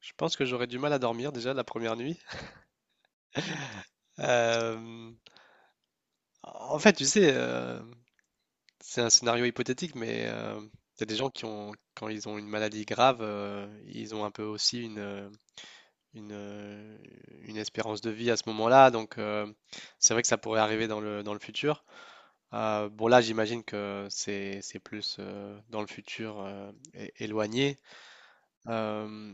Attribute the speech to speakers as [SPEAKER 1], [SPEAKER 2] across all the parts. [SPEAKER 1] Je pense que j'aurais du mal à dormir déjà la première nuit. Euh, En fait, tu sais, c'est un scénario hypothétique, mais il y a des gens qui ont, quand ils ont une maladie grave, ils ont un peu aussi une, une, euh, une espérance de vie à ce moment-là. Donc, c'est vrai que ça pourrait arriver dans dans le futur. Bon, là, j'imagine que c'est plus dans le futur éloigné. Euh,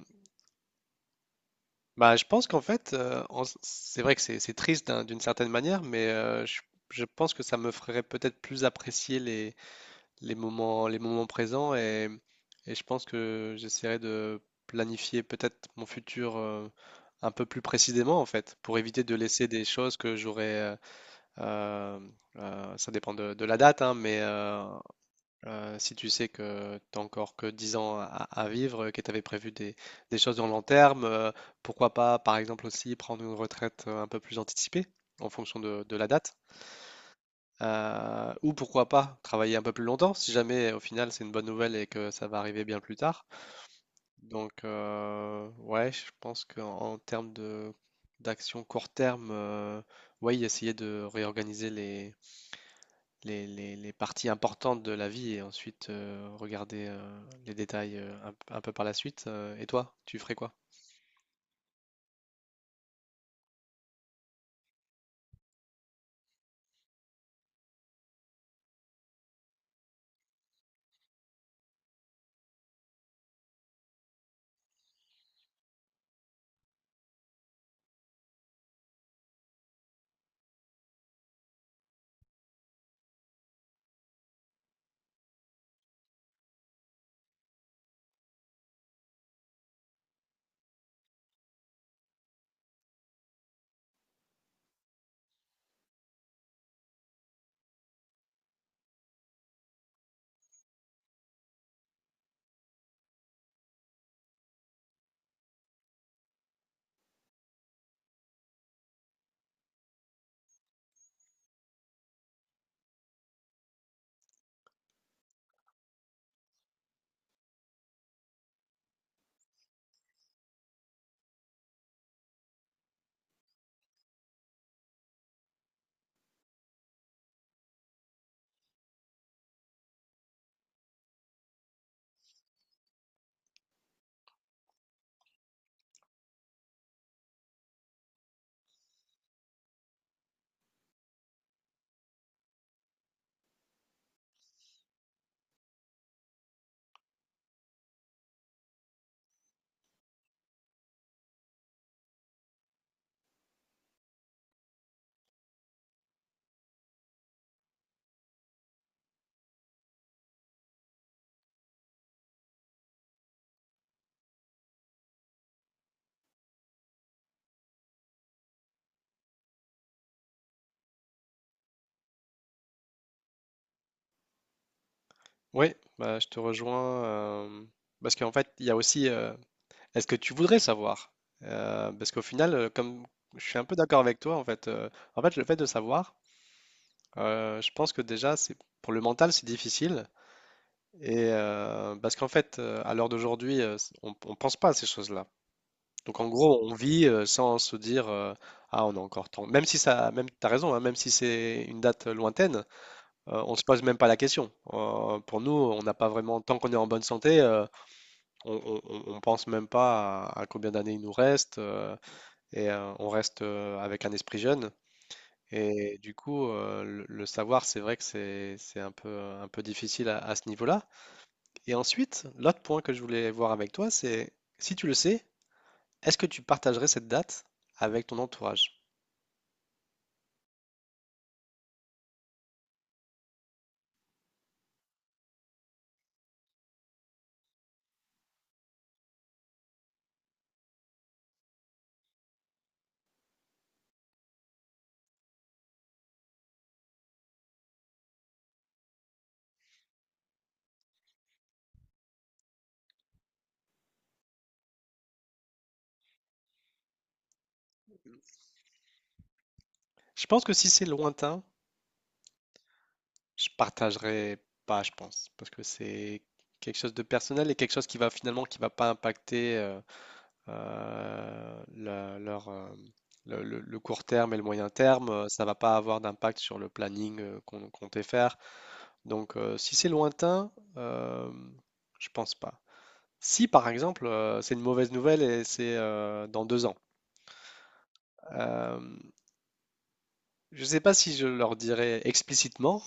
[SPEAKER 1] Bah, je pense qu'en fait, c'est vrai que c'est triste d'une certaine manière, mais je pense que ça me ferait peut-être plus apprécier les moments présents et je pense que j'essaierai de planifier peut-être mon futur un peu plus précisément en fait, pour éviter de laisser des choses que j'aurais. Euh, ça dépend de la date, hein, mais si tu sais que tu n'as encore que 10 ans à vivre, que tu avais prévu des choses dans le long terme, pourquoi pas, par exemple, aussi prendre une retraite un peu plus anticipée en fonction de la date. Ou pourquoi pas travailler un peu plus longtemps si jamais au final c'est une bonne nouvelle et que ça va arriver bien plus tard. Donc, ouais, je pense qu'en en termes de d'action court terme, ouais, essayer de réorganiser les parties importantes de la vie et ensuite regarder les détails un peu par la suite. Et toi, tu ferais quoi? Oui, bah, je te rejoins parce qu'en fait, il y a aussi est-ce que tu voudrais savoir? Parce qu'au final, comme je suis un peu d'accord avec toi, en fait, le fait de savoir, je pense que déjà, c'est pour le mental, c'est difficile. Et parce qu'en fait, à l'heure d'aujourd'hui, on ne pense pas à ces choses-là. Donc en gros, on vit sans se dire ah on a encore temps. Même si ça, même t'as raison, hein, même si c'est une date lointaine, on se pose même pas la question. Pour nous, on n'a pas vraiment tant qu'on est en bonne santé, on pense même pas à combien d'années il nous reste et on reste avec un esprit jeune. Et du coup, le savoir, c'est vrai que c'est un peu difficile à ce niveau-là. Et ensuite, l'autre point que je voulais voir avec toi, c'est si tu le sais, est-ce que tu partagerais cette date avec ton entourage? Je pense que si c'est lointain, je partagerai pas, je pense, parce que c'est quelque chose de personnel et quelque chose qui va finalement qui va pas impacter la- leur, le court terme et le moyen terme. Ça va pas avoir d'impact sur le planning qu'on comptait faire. Donc, si c'est lointain, euh, je pense pas. Si par exemple c'est une mauvaise nouvelle et c'est dans deux ans, euh, je ne sais pas si je leur dirais explicitement.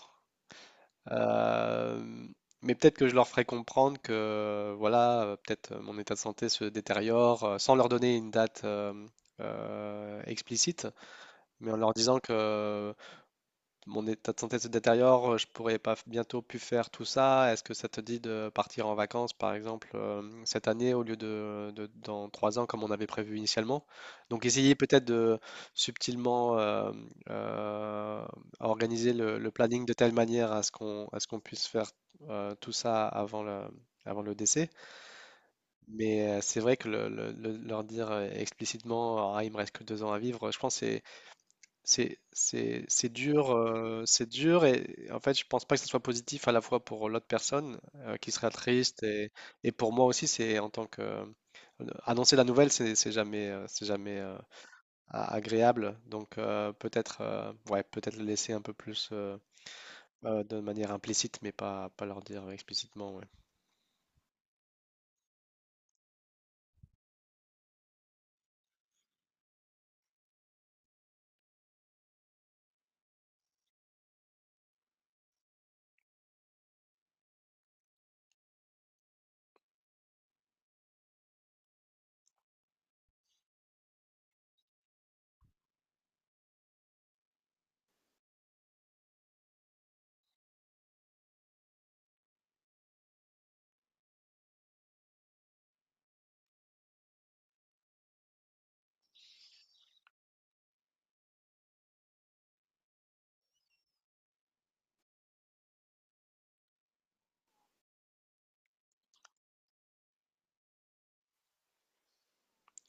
[SPEAKER 1] Euh, mais peut-être que je leur ferai comprendre que voilà, peut-être mon état de santé se détériore sans leur donner une date explicite, mais en leur disant que mon état de santé se détériore, je pourrais pas bientôt plus faire tout ça. Est-ce que ça te dit de partir en vacances, par exemple, cette année au lieu de, dans trois ans comme on avait prévu initialement? Donc essayer peut-être de subtilement euh, organiser le planning de telle manière à ce qu'on puisse faire tout ça avant avant le décès. Mais c'est vrai que leur dire explicitement, ah, il me reste que deux ans à vivre, je pense que c'est dur et en fait je pense pas que ce soit positif à la fois pour l'autre personne qui sera triste et pour moi aussi c'est en tant que annoncer la nouvelle c'est jamais agréable donc peut-être ouais peut-être le laisser un peu plus de manière implicite mais pas leur dire explicitement ouais.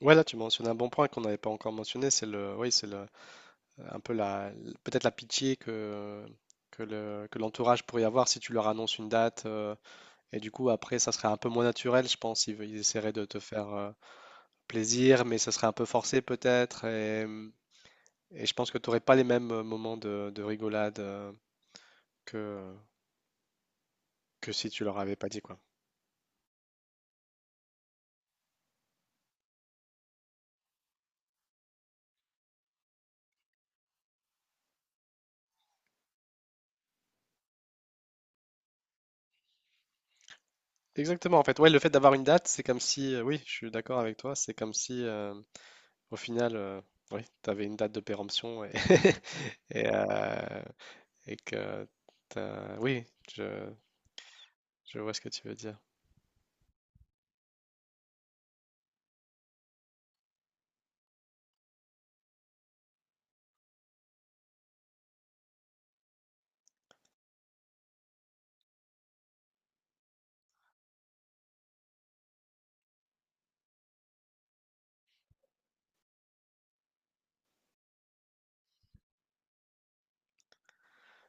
[SPEAKER 1] Ouais là tu mentionnes un bon point qu'on n'avait pas encore mentionné c'est le oui c'est le un peu la, peut-être la pitié que que l'entourage pourrait avoir si tu leur annonces une date. Et du coup, après, ça serait un peu moins naturel, je pense. Ils essaieraient de te faire plaisir, mais ça serait un peu forcé peut-être. Et je pense que tu n'aurais pas les mêmes moments de rigolade que, que si tu leur avais pas dit quoi. Exactement, en fait. Ouais, le fait d'avoir une date, c'est comme si, oui, je suis d'accord avec toi, c'est comme si, au final, oui, tu avais une date de péremption et, et, euh, et que t'as... Oui, je, je vois ce que tu veux dire.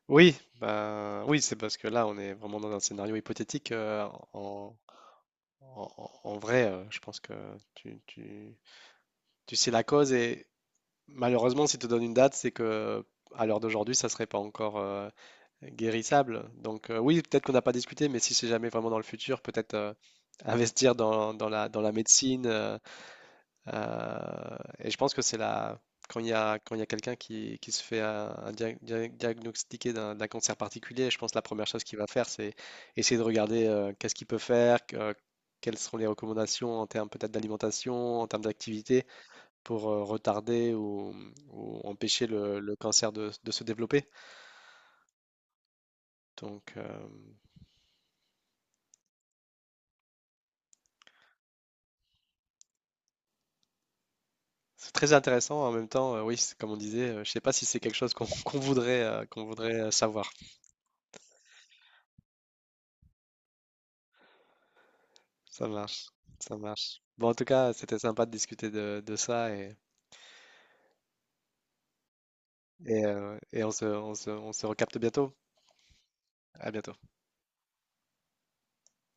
[SPEAKER 1] Oui, bah oui, c'est parce que là, on est vraiment dans un scénario hypothétique. En vrai, je pense que tu, tu- tu sais la cause et malheureusement, si tu donnes une date, c'est que à l'heure d'aujourd'hui, ça serait pas encore guérissable. Donc oui, peut-être qu'on n'a pas discuté, mais si c'est jamais vraiment dans le futur, peut-être investir dans, dans dans la médecine. Et je pense que c'est la quand il y a quand il y a quelqu'un qui se fait un diagnostiquer d'un cancer particulier, je pense que la première chose qu'il va faire, c'est essayer de regarder qu'est-ce qu'il peut faire, quelles sont les recommandations en termes peut-être d'alimentation, en termes d'activité pour retarder ou empêcher le cancer de se développer. Donc c'est très intéressant. En même temps, oui, c'est comme on disait, je ne sais pas si c'est quelque chose qu'on qu'on voudrait savoir. Ça marche, ça marche. Bon, en tout cas, c'était sympa de discuter de ça et on se recapte bientôt. À bientôt.